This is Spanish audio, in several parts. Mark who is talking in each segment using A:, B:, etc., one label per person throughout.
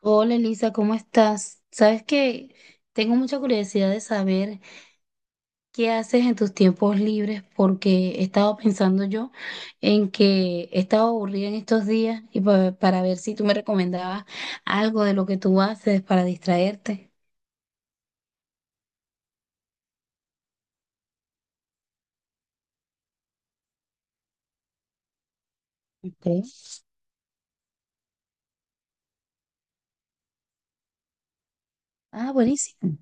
A: Hola Elisa, ¿cómo estás? Sabes que tengo mucha curiosidad de saber qué haces en tus tiempos libres porque he estado pensando yo en que he estado aburrida en estos días y para ver si tú me recomendabas algo de lo que tú haces para distraerte. Ok. Ah, buenísimo.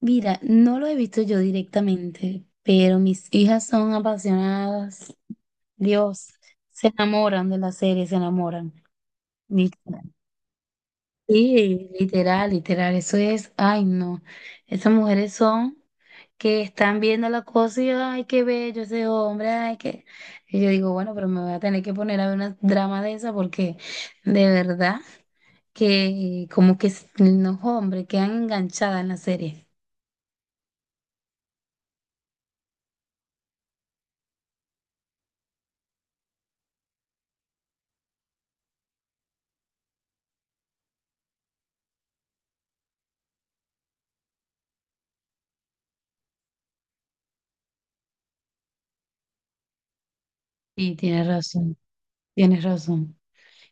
A: Mira, no lo he visto yo directamente, pero mis hijas son apasionadas. Dios, se enamoran de la serie, se enamoran. Sí, literal, literal, eso es, ay no, esas mujeres son que están viendo la cosa y ay, qué bello ese hombre, ay, qué... Y yo digo, bueno, pero me voy a tener que poner a ver una drama de esa porque de verdad que como que los hombres quedan enganchadas en la serie. Sí, tienes razón, tienes razón.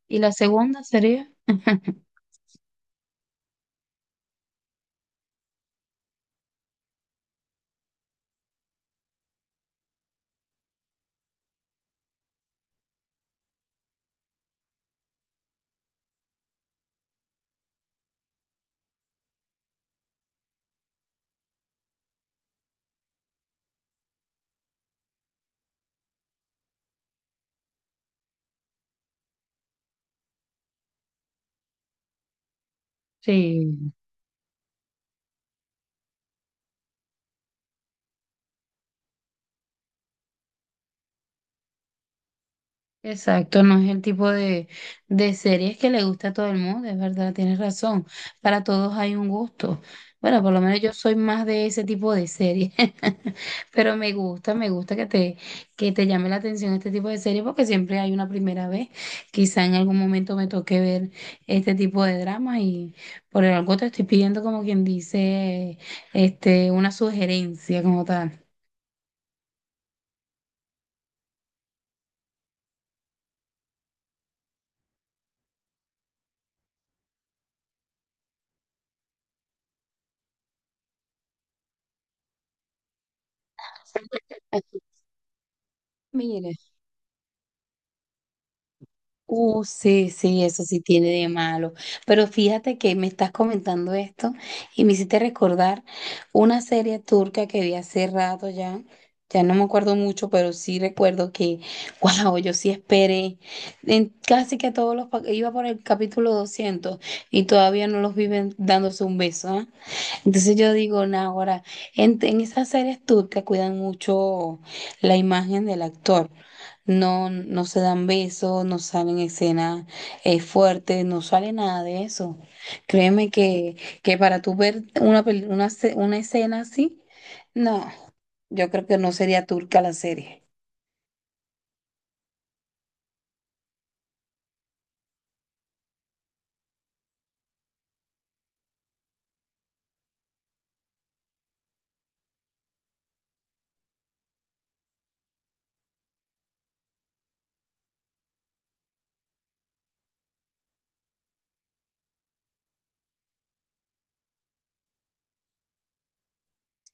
A: ¿Y la segunda sería? Sí. Exacto, no es el tipo de, series que le gusta a todo el mundo, es verdad, tienes razón. Para todos hay un gusto. Bueno, por lo menos yo soy más de ese tipo de series, pero me gusta que te llame la atención este tipo de series porque siempre hay una primera vez. Quizá en algún momento me toque ver este tipo de dramas y por algo te estoy pidiendo como quien dice, este, una sugerencia como tal. Mire. Sí, sí, eso sí tiene de malo. Pero fíjate que me estás comentando esto y me hiciste recordar una serie turca que vi hace rato ya. Ya no me acuerdo mucho, pero sí recuerdo que, wow, yo sí esperé. En casi que todos los, iba por el capítulo 200 y todavía no los viven dándose un beso, entonces yo digo, nah, ahora, en esas series turcas cuidan mucho la imagen del actor. No, no se dan besos, no salen escenas fuertes, no sale nada de eso. Créeme que, para tú ver una, peli- una, ce- una escena así, no, yo creo que no sería turca la serie.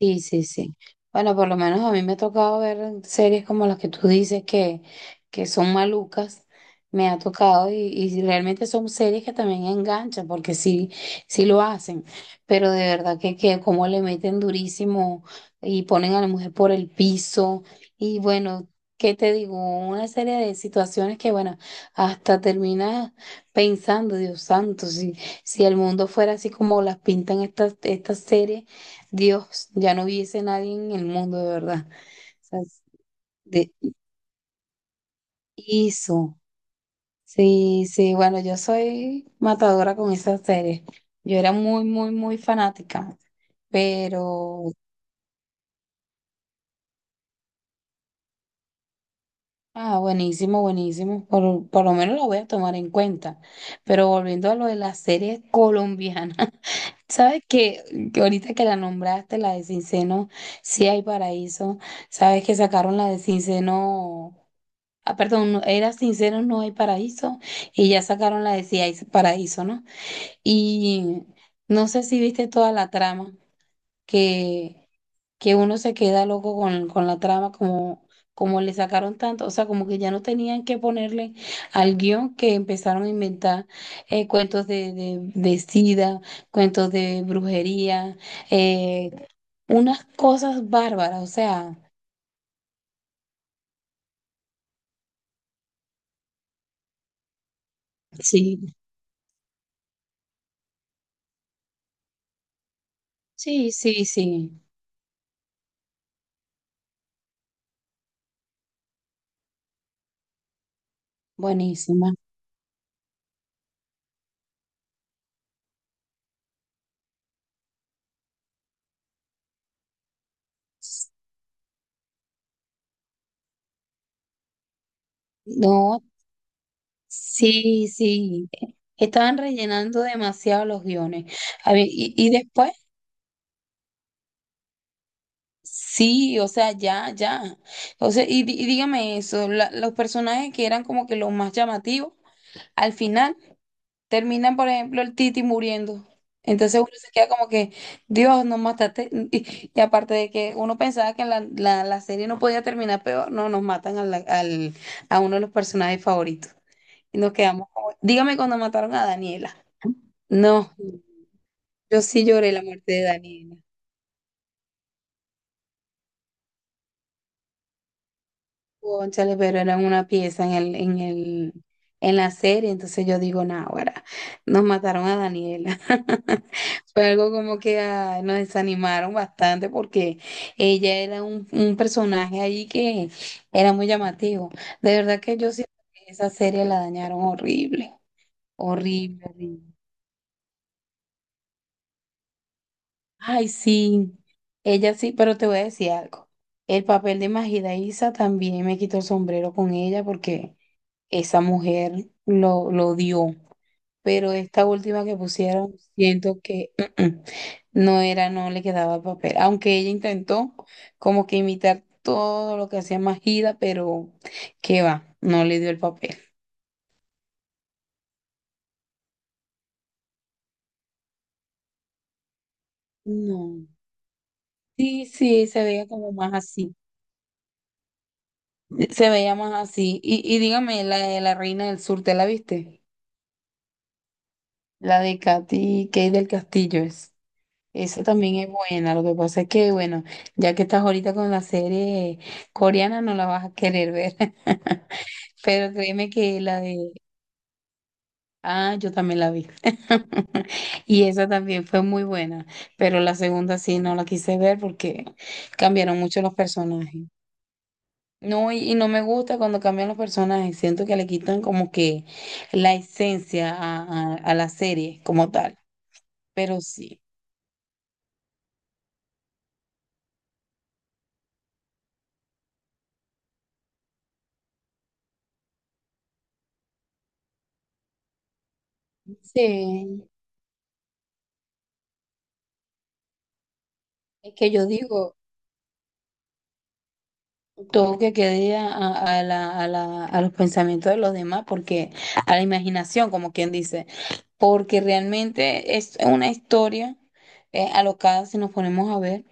A: Sí, sí, sí. Bueno, por lo menos a mí me ha tocado ver series como las que tú dices que, son malucas. Me ha tocado y realmente son series que también enganchan porque sí, sí lo hacen. Pero de verdad que como le meten durísimo y ponen a la mujer por el piso. Y bueno, ¿qué te digo? Una serie de situaciones que, bueno, hasta terminas pensando, Dios santo, si el mundo fuera así como las pintan estas series Dios, ya no hubiese nadie en el mundo, de verdad. O sea, de eso. Sí, sí, bueno, yo soy matadora con esas series. Yo era muy, muy, muy fanática, pero, ah, buenísimo, buenísimo. Por lo menos lo voy a tomar en cuenta. Pero volviendo a lo de las series colombianas, ¿sabes qué? Que ahorita que la nombraste, la de Cinceno, sí hay paraíso. ¿Sabes que sacaron la de Cinceno? Ah, perdón, no, era sincero, no hay paraíso, y ya sacaron la de si hay paraíso, ¿no? Y no sé si viste toda la trama, que, que, uno se queda loco con, la trama, como le sacaron tanto, o sea, como que ya no tenían que ponerle al guión que empezaron a inventar cuentos de sida, cuentos de brujería, eh, unas cosas bárbaras, o sea, sí, sí, sí, sí, buenísima. No, sí, sí, estaban rellenando demasiado los guiones. A ver, y después, sí, o sea, ya, ya. O sea, y, y dígame eso, los personajes que eran como que los más llamativos, al final terminan, por ejemplo, el Titi muriendo. Entonces uno se queda como que, Dios, nos mataste. Y aparte de que uno pensaba que la, serie no podía terminar peor, no, nos matan a uno de los personajes favoritos. Y nos quedamos como, dígame cuando mataron a Daniela. No, yo sí lloré la muerte de Daniela. Cónchale, pero eran una pieza en la serie, entonces yo digo, náguara, nos mataron a Daniela. Fue algo como que ay, nos desanimaron bastante porque ella era un personaje allí que era muy llamativo. De verdad que yo siento que esa serie la dañaron horrible, horrible, horrible. Ay, sí, ella sí, pero te voy a decir algo. El papel de Majida Isa también me quitó el sombrero con ella porque esa mujer lo dio. Pero esta última que pusieron, siento que mm, mm, no era, no le quedaba el papel. Aunque ella intentó como que imitar todo lo que hacía Majida, pero qué va, no le dio el papel. No. Sí, sí, se veía como más así. Se veía más así. Y dígame, la de la Reina del Sur, ¿te la viste? La de Katy Kay del Castillo es. Esa también es buena. Lo que pasa es que, bueno, ya que estás ahorita con la serie coreana, no la vas a querer ver. Pero créeme que la de... Ah, yo también la vi. Y esa también fue muy buena. Pero la segunda sí no la quise ver porque cambiaron mucho los personajes. No, y no me gusta cuando cambian los personajes. Siento que le quitan como que la esencia a la serie como tal. Pero sí. Sí, es que yo digo, todo que quede a los pensamientos de los demás, porque a la imaginación, como quien dice, porque realmente es una historia alocada si nos ponemos a ver,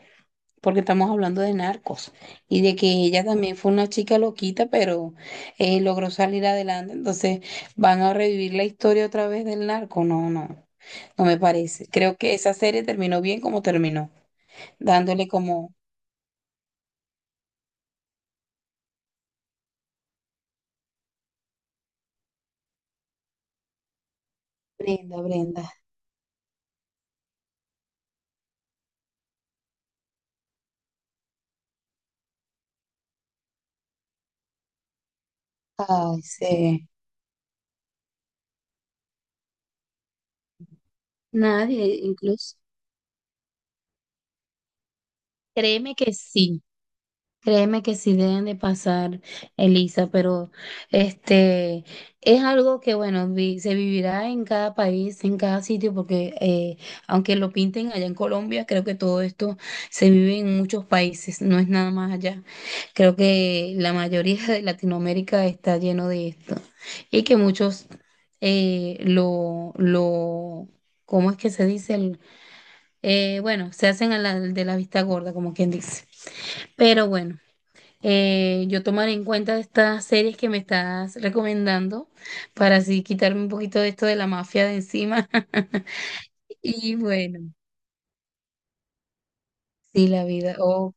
A: porque estamos hablando de narcos y de que ella también fue una chica loquita, pero logró salir adelante, entonces van a revivir la historia otra vez del narco, no, no, no me parece. Creo que esa serie terminó bien como terminó, dándole como... Brenda, Brenda. Ay, sí. Nadie, incluso. Créeme que sí, créeme que sí deben de pasar, Elisa, pero este es algo que, bueno, se vivirá en cada país, en cada sitio, porque aunque lo pinten allá en Colombia, creo que todo esto se vive en muchos países, no es nada más allá. Creo que la mayoría de Latinoamérica está lleno de esto y que muchos eh, lo, lo, ¿cómo es que se dice? Bueno, se hacen de la vista gorda, como quien dice. Pero bueno, yo tomaré en cuenta estas series que me estás recomendando para así quitarme un poquito de esto de la mafia de encima. Y bueno, sí, la vida. Ok,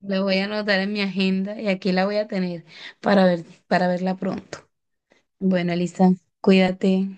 A: la voy a anotar en mi agenda y aquí la voy a tener para ver, para verla pronto. Bueno, Elisa, cuídate.